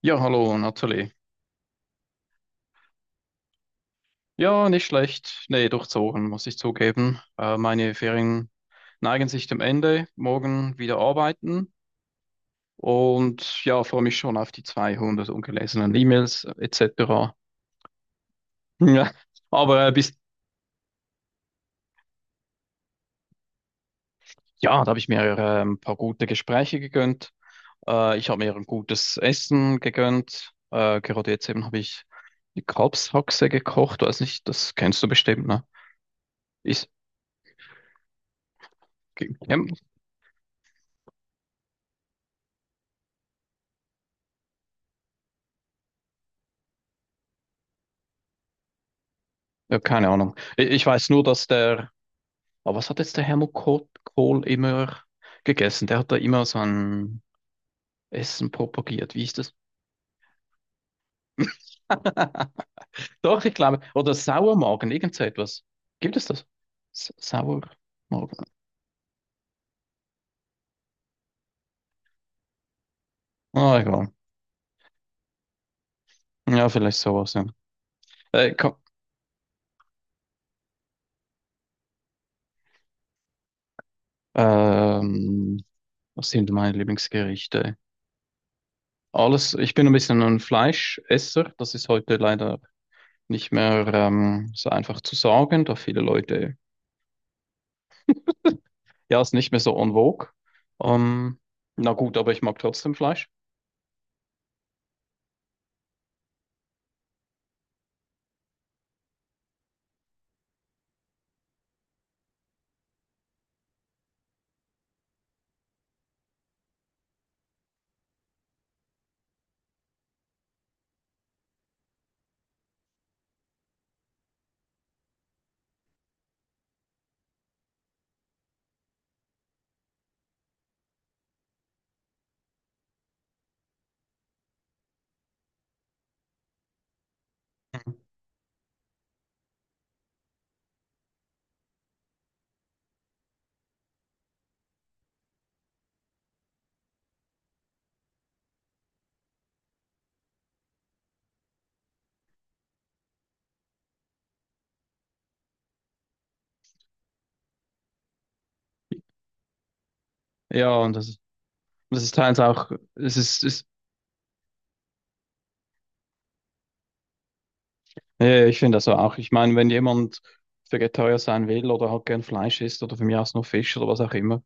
Ja, hallo, Natalie. Ja, nicht schlecht. Nee, durchzogen, muss ich zugeben. Meine Ferien neigen sich dem Ende. Morgen wieder arbeiten. Und ja, freue mich schon auf die 200 ungelesenen E-Mails etc. Ja, aber ja, da habe ich mir ein paar gute Gespräche gegönnt. Ich habe mir ein gutes Essen gegönnt. Gerade jetzt eben habe ich die Kalbshaxe gekocht. Weiß nicht, das kennst du bestimmt, ne? Ist, ja, keine Ahnung. Ich weiß nur, dass der, aber was hat jetzt der Helmut Kohl immer gegessen? Der hat da immer so ein Essen propagiert. Wie ist das? Doch, ich glaube. Oder Sauermagen, irgend so etwas. Gibt es das? S Sauermagen. Ah, egal. Ja, vielleicht sowas, ja. Äh, komm, ähm, was sind meine Lieblingsgerichte? Alles, ich bin ein bisschen ein Fleischesser. Das ist heute leider nicht mehr so einfach zu sagen, da viele Leute. Ja, ist nicht mehr so en vogue. Ähm, na gut, aber ich mag trotzdem Fleisch. Mhm. Ja, und das ist teils auch, es ist ja, ja, ich finde das auch. Ich meine, wenn jemand Vegetarier sein will oder halt gern Fleisch isst oder für mich aus nur Fisch oder was auch immer.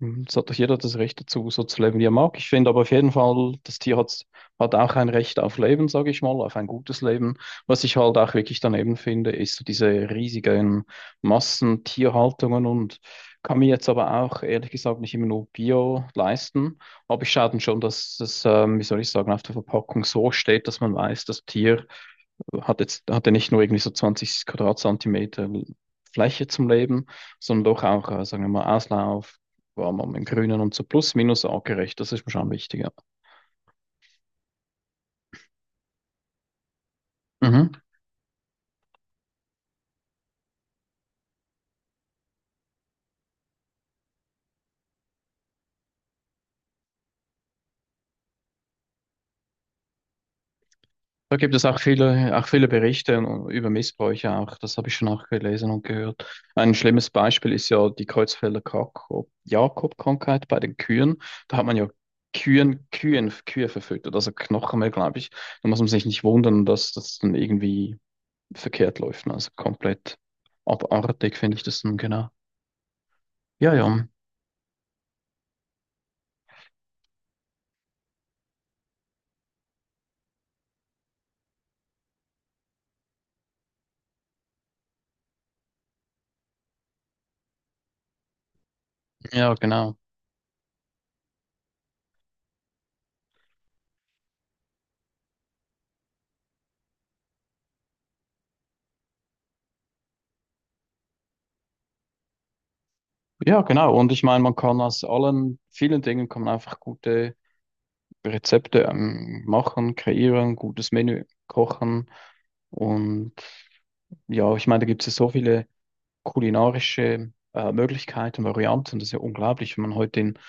Mhm. Es hat doch jeder das Recht dazu, so zu leben, wie er mag. Ich finde aber auf jeden Fall, hat auch ein Recht auf Leben, sage ich mal, auf ein gutes Leben. Was ich halt auch wirklich daneben finde, ist so diese riesigen Massentierhaltungen, und kann mir jetzt aber auch ehrlich gesagt nicht immer nur Bio leisten. Aber ich schaue dann schon, dass das, wie soll ich sagen, auf der Verpackung so steht, dass man weiß, das Tier hat jetzt, hatte nicht nur irgendwie so 20 Quadratzentimeter Fläche zum Leben, sondern doch auch, sagen wir mal, Auslauf, war man im Grünen und so plus minus artgerecht, das ist mir schon wichtig. Ja. Mhm. Da gibt es auch viele Berichte über Missbräuche auch, das habe ich schon auch gelesen und gehört. Ein schlimmes Beispiel ist ja die Creutzfelder Jakob-Krankheit bei den Kühen. Da hat man ja Kühe verfüttert, also Knochen mehr, glaube ich. Da muss man sich nicht wundern, dass das dann irgendwie verkehrt läuft, ne? Also komplett abartig finde ich das nun genau. Ja, ja, ja, genau. Ja, genau. Und ich meine, man kann aus allen vielen Dingen kann man einfach gute Rezepte machen, kreieren, gutes Menü kochen. Und ja, ich meine, da gibt es ja so viele kulinarische Möglichkeiten, Varianten. Das ist ja unglaublich, wenn man heute in,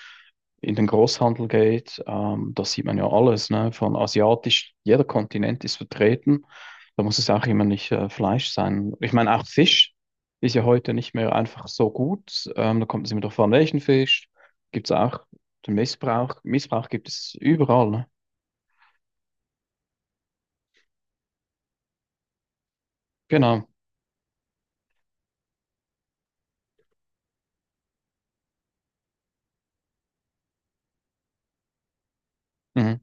in den Großhandel geht. Da sieht man ja alles, ne? Von asiatisch, jeder Kontinent ist vertreten. Da muss es auch immer nicht Fleisch sein. Ich meine, auch Fisch ist ja heute nicht mehr einfach so gut. Da kommt es immer darauf an, welchen Fisch. Gibt es auch den Missbrauch. Missbrauch gibt es überall, ne? Genau. Mhm.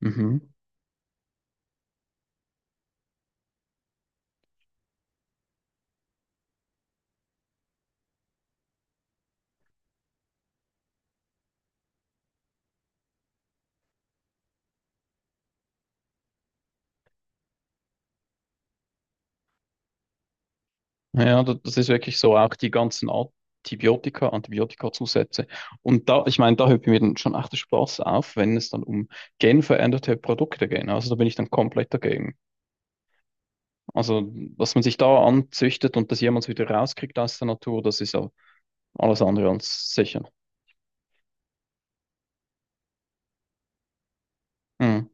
Mhm. Ja, das ist wirklich so, auch die ganzen Antibiotika, Antibiotikazusätze. Und da, ich meine, da hört mir dann schon echt der Spaß auf, wenn es dann um genveränderte Produkte geht. Also da bin ich dann komplett dagegen. Also, was man sich da anzüchtet und das jemals wieder rauskriegt aus der Natur, das ist ja alles andere als sicher. Mhm.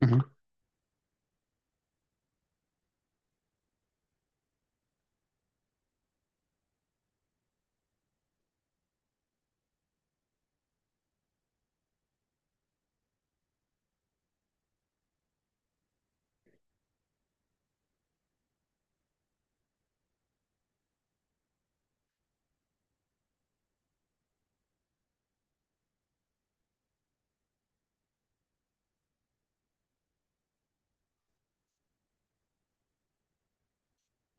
Mhm.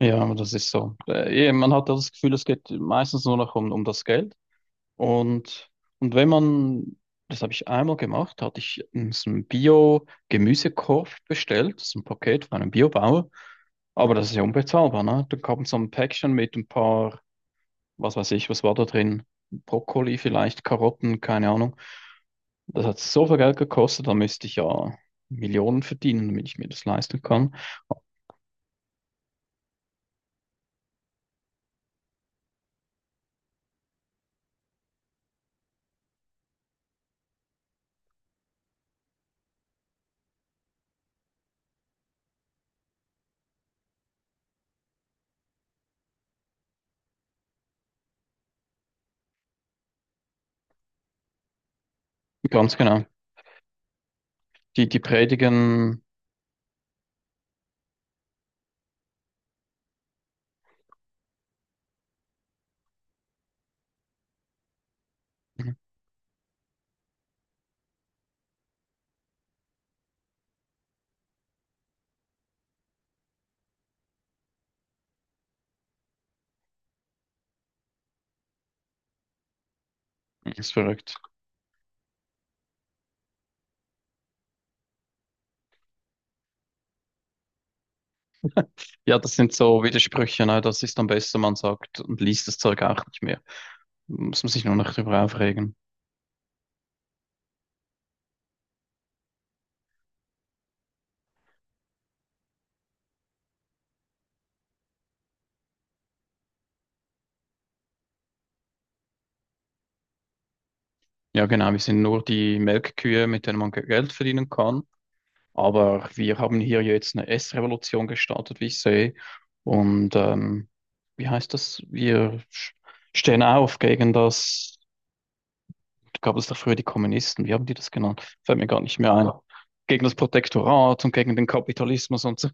Ja, aber das ist so. Man hat ja das Gefühl, es geht meistens nur noch um das Geld. Und, und wenn man, das habe ich einmal gemacht, hatte ich so einen Bio-Gemüsekorb bestellt, so ein Paket von einem Biobauer. Aber das ist ja unbezahlbar, ne? Da kam so ein Päckchen mit ein paar, was weiß ich, was war da drin? Brokkoli vielleicht, Karotten, keine Ahnung. Das hat so viel Geld gekostet, da müsste ich ja Millionen verdienen, damit ich mir das leisten kann. Ganz genau. Die predigen, ist verrückt. Ja, das sind so Widersprüche, ne? Das ist am besten, man sagt und liest das Zeug auch nicht mehr. Muss man sich nur noch darüber aufregen. Ja, genau, wir sind nur die Melkkühe, mit denen man Geld verdienen kann. Aber wir haben hier jetzt eine Essrevolution gestartet, wie ich sehe. Und wie heißt das? Stehen auf gegen das, gab es da früher die Kommunisten, wie haben die das genannt? Fällt mir gar nicht mehr ein. Gegen das Protektorat und gegen den Kapitalismus und so,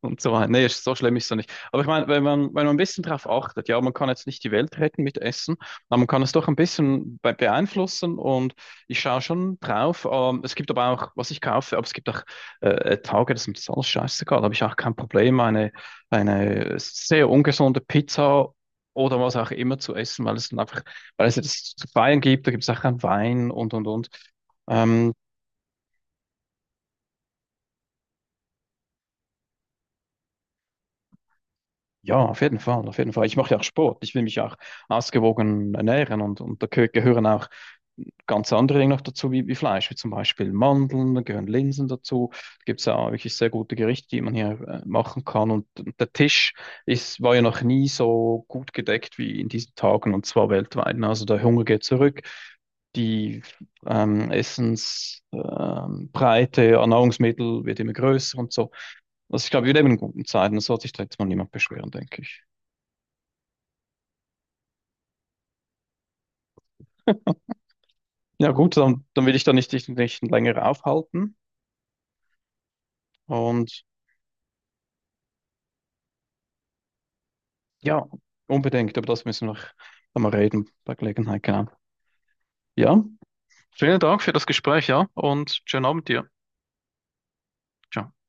und so weiter. So schlimm ist es doch nicht. Aber ich meine, wenn man ein bisschen drauf achtet, ja, man kann jetzt nicht die Welt retten mit Essen, aber man kann es doch ein bisschen be beeinflussen, und ich schaue schon drauf. Es gibt aber auch, was ich kaufe, aber es gibt auch Tage, das ist mir das alles scheißegal, da habe ich auch kein Problem, eine sehr ungesunde Pizza oder was auch immer zu essen, weil es dann einfach, weil es ja das zu feiern gibt, da gibt es auch keinen Wein und und. Ähm, Ja, auf jeden Fall, auf jeden Fall. Ich mache ja auch Sport. Ich will mich auch ausgewogen ernähren, und da gehören auch ganz andere Dinge noch dazu, wie Fleisch, wie zum Beispiel Mandeln, da gehören Linsen dazu. Da gibt es ja wirklich sehr gute Gerichte, die man hier machen kann. Und der Tisch ist, war ja noch nie so gut gedeckt wie in diesen Tagen, und zwar weltweit. Also der Hunger geht zurück. Die Essensbreite an Nahrungsmittel wird immer größer und so. Also ich glaube, wir leben in guten Zeiten. Da sollte sich da jetzt mal niemand beschweren, denke ich. Ja gut, dann will ich da nicht, dich nicht länger aufhalten. Und ja, unbedingt, aber das müssen wir noch einmal reden bei Gelegenheit, genau. Ja, vielen Dank für das Gespräch, ja, und schönen Abend dir. Ciao.